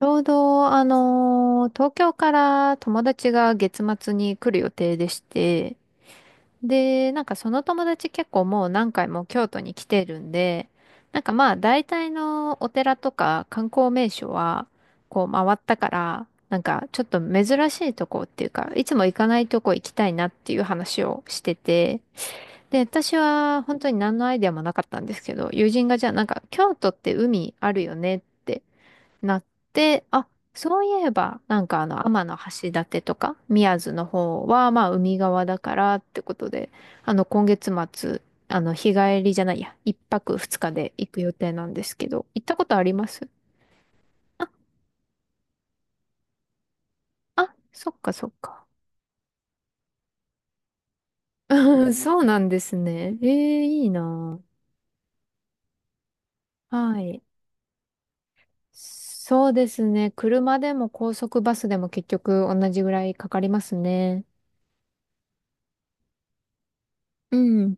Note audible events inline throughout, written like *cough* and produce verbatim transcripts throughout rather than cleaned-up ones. ちょうど、あのー東京から友達が月末に来る予定でして、で、なんかその友達結構もう何回も京都に来てるんで、なんかまあ大体のお寺とか観光名所はこう回ったから、なんかちょっと珍しいとこっていうか、いつも行かないとこ行きたいなっていう話をしてて、で、私は本当に何のアイデアもなかったんですけど、友人がじゃあなんか京都って海あるよねってなって、あ、そういえば、なんかあの、天橋立とか、宮津の方は、まあ、海側だからってことで、あの、今月末、あの、日帰りじゃないや、一泊二日で行く予定なんですけど、行ったことあります？あ、あ、そっかそっか。うん *laughs* そうなんですね。ええ、いいな。あはい。そうですね。車でも高速バスでも結局同じぐらいかかりますね。うん。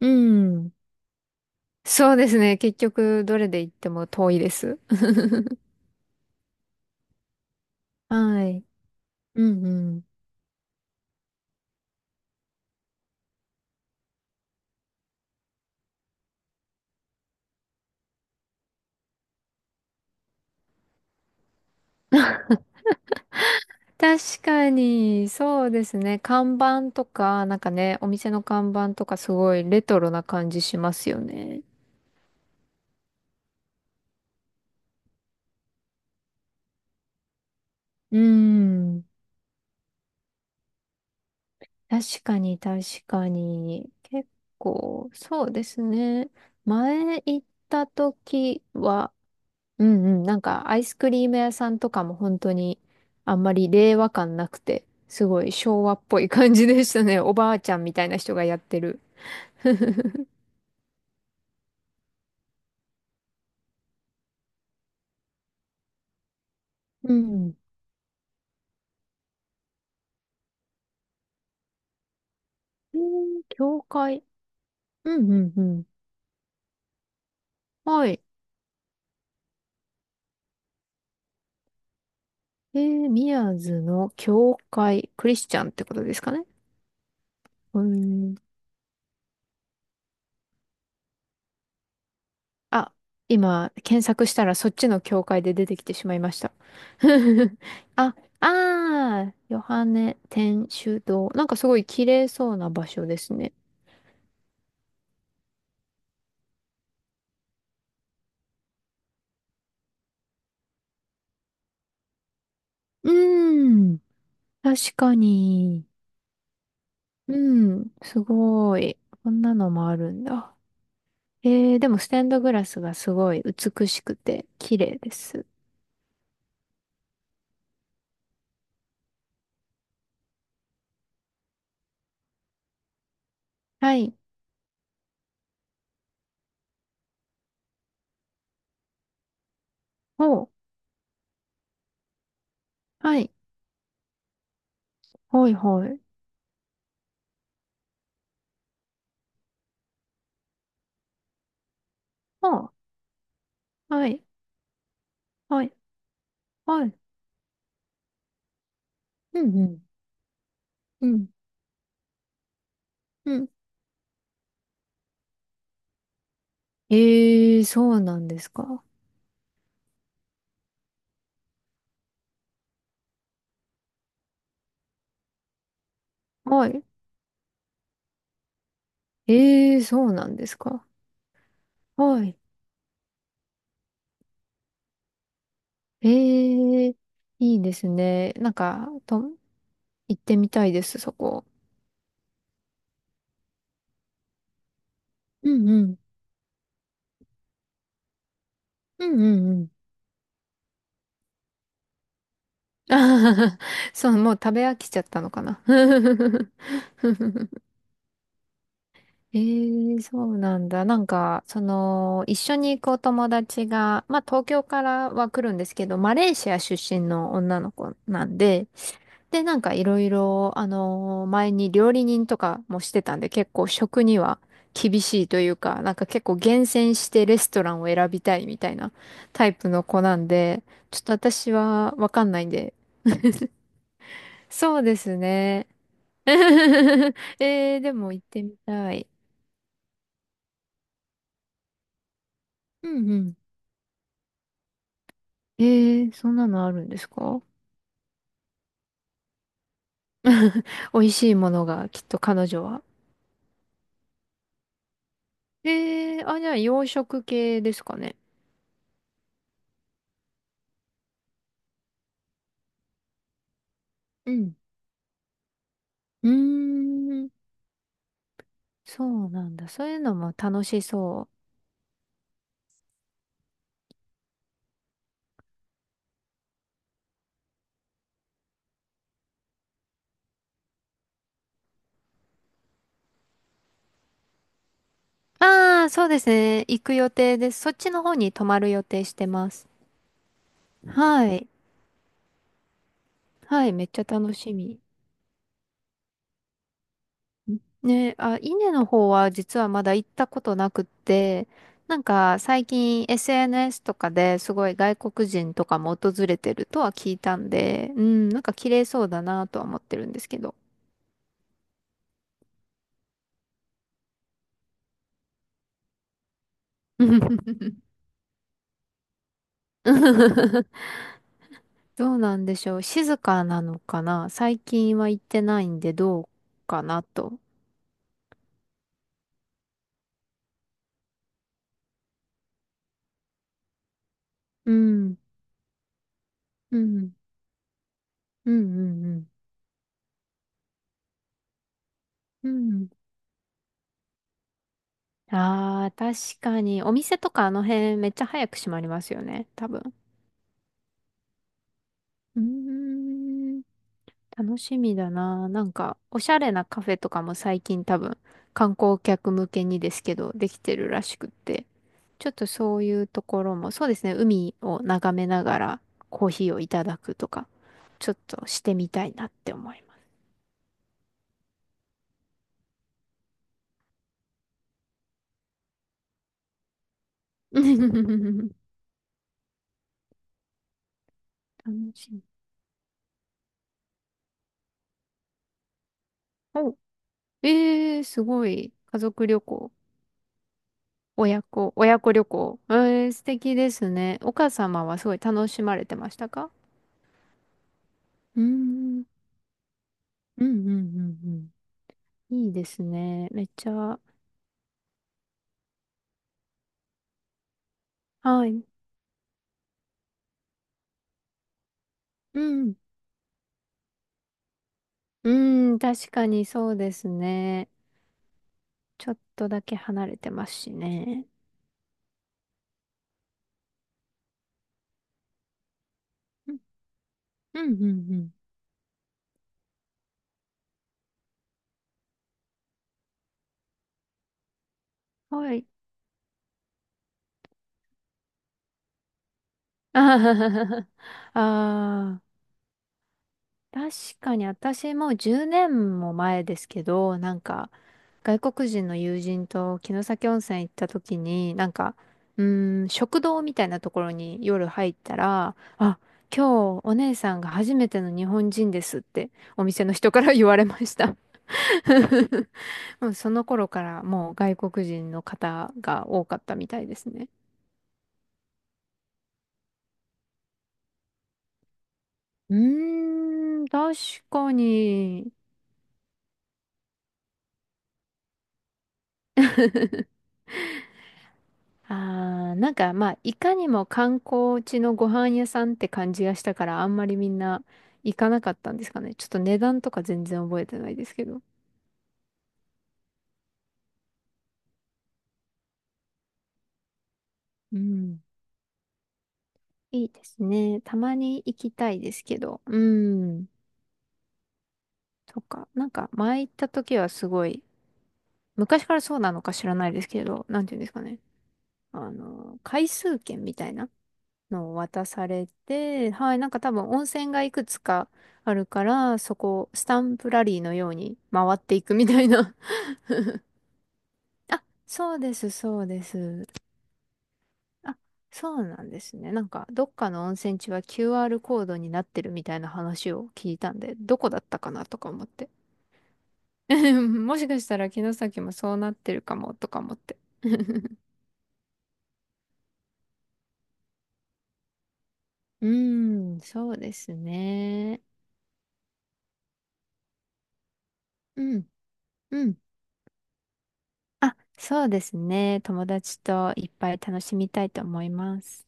うん。そうですね。結局、どれで行っても遠いです。*laughs* はい。うんうん。確かに、そうですね。看板とか、なんかね、お店の看板とかすごいレトロな感じしますよね。うん。確かに、確かに。結構、そうですね。前行った時は、うんうん。なんか、アイスクリーム屋さんとかも本当に、あんまり令和感なくて、すごい昭和っぽい感じでしたね。*laughs* おばあちゃんみたいな人がやってる。*laughs* うん。えー、教会。うんうんうん。はい。えー、宮津の教会、クリスチャンってことですかね。うーん。あ、今、検索したらそっちの教会で出てきてしまいました。*laughs* あ、あー、ヨハネ天主堂。なんかすごい綺麗そうな場所ですね。うん。確かに。うん。すごい。こんなのもあるんだ。えー、でもステンドグラスがすごい美しくて綺麗です。はい。ほう。はい。ほいほい。ほう。はい。はい。はい。うんうん。うん。うん。えー、そうなんですか。はい。えー、そうなんですか。はい。えー、いいですね。なんか、と、行ってみたいです、そこ。うんうん。うんうんうん。あー *laughs* そう、もう食べ飽きちゃったのかな。*laughs* ええ、そうなんだ。なんか、その、一緒に行くお友達が、まあ、東京からは来るんですけど、マレーシア出身の女の子なんで、で、なんかいろいろ、あの前に料理人とかもしてたんで、結構食には厳しいというか、なんか結構厳選してレストランを選びたいみたいなタイプの子なんで、ちょっと私はわかんないんで、そうですね。*laughs* えー、でも行ってみたい。うんうん。えー、そんなのあるんですか？ *laughs* 美味しいものが、きっと彼女は。えー、あ、じゃあ洋食系ですかね。うん。うーん、そうなんだ。そういうのも楽しそう。ああ、そうですね。行く予定です。そっちの方に泊まる予定してます。はい。はい、めっちゃ楽しみ。ね、あ、稲の方は実はまだ行ったことなくって、なんか最近 エスエヌエス とかですごい外国人とかも訪れてるとは聞いたんで、うん、なんか綺麗そうだなとは思ってるんですけど。*laughs* どうなんでしょう。静かなのかな。最近は行ってないんでどうかなと。うん、うん、うん、うん、うん。うん。ああ、確かに。お店とかあの辺めっちゃ早く閉まりますよね。多分。うーん、楽しみだな。なんか、おしゃれなカフェとかも最近多分、観光客向けにですけど、できてるらしくって。ちょっとそういうところも、そうですね、海を眺めながらコーヒーをいただくとか、ちょっとしてみたいなって思います。*laughs* 楽しみ。お、えー、すごい。家族旅行、親子、親子旅行。えー、素敵ですね。お母様はすごい楽しまれてましたか？うーん。うんうんうんうん。いいですね。めっちゃ、はい。うん。うん、確かにそうですね。ちょっとだけ離れてますしね。うんうんうんうん。はい。ああ、あ確かに私もうじゅうねんも前ですけど、なんか外国人の友人と城崎温泉行った時に、なんか、うーん、食堂みたいなところに夜入ったら、あ、今日お姉さんが初めての日本人ですってお店の人から言われました。*laughs* もうその頃からもう外国人の方が多かったみたいですね。うーん、確かに。あー、なんかまあ、いかにも観光地のご飯屋さんって感じがしたから、あんまりみんな行かなかったんですかね。ちょっと値段とか全然覚えてないですけど。うん。いいですね。たまに行きたいですけど。うん。とか、なんか前行った時はすごい、昔からそうなのか知らないですけど、なんていうんですかね。あの、回数券みたいな。のを渡されて、はい、なんか多分温泉がいくつかあるから、そこ、スタンプラリーのように回っていくみたいな。*laughs* あ、そうです、そうです。あ、そうなんですね。なんか、どっかの温泉地は キューアール コードになってるみたいな話を聞いたんで、どこだったかなとか思って。*laughs* もしかしたら城崎もそうなってるかもとか思って。*laughs* うーん、そうですね。うん、うん。あ、そうですね。友達といっぱい楽しみたいと思います。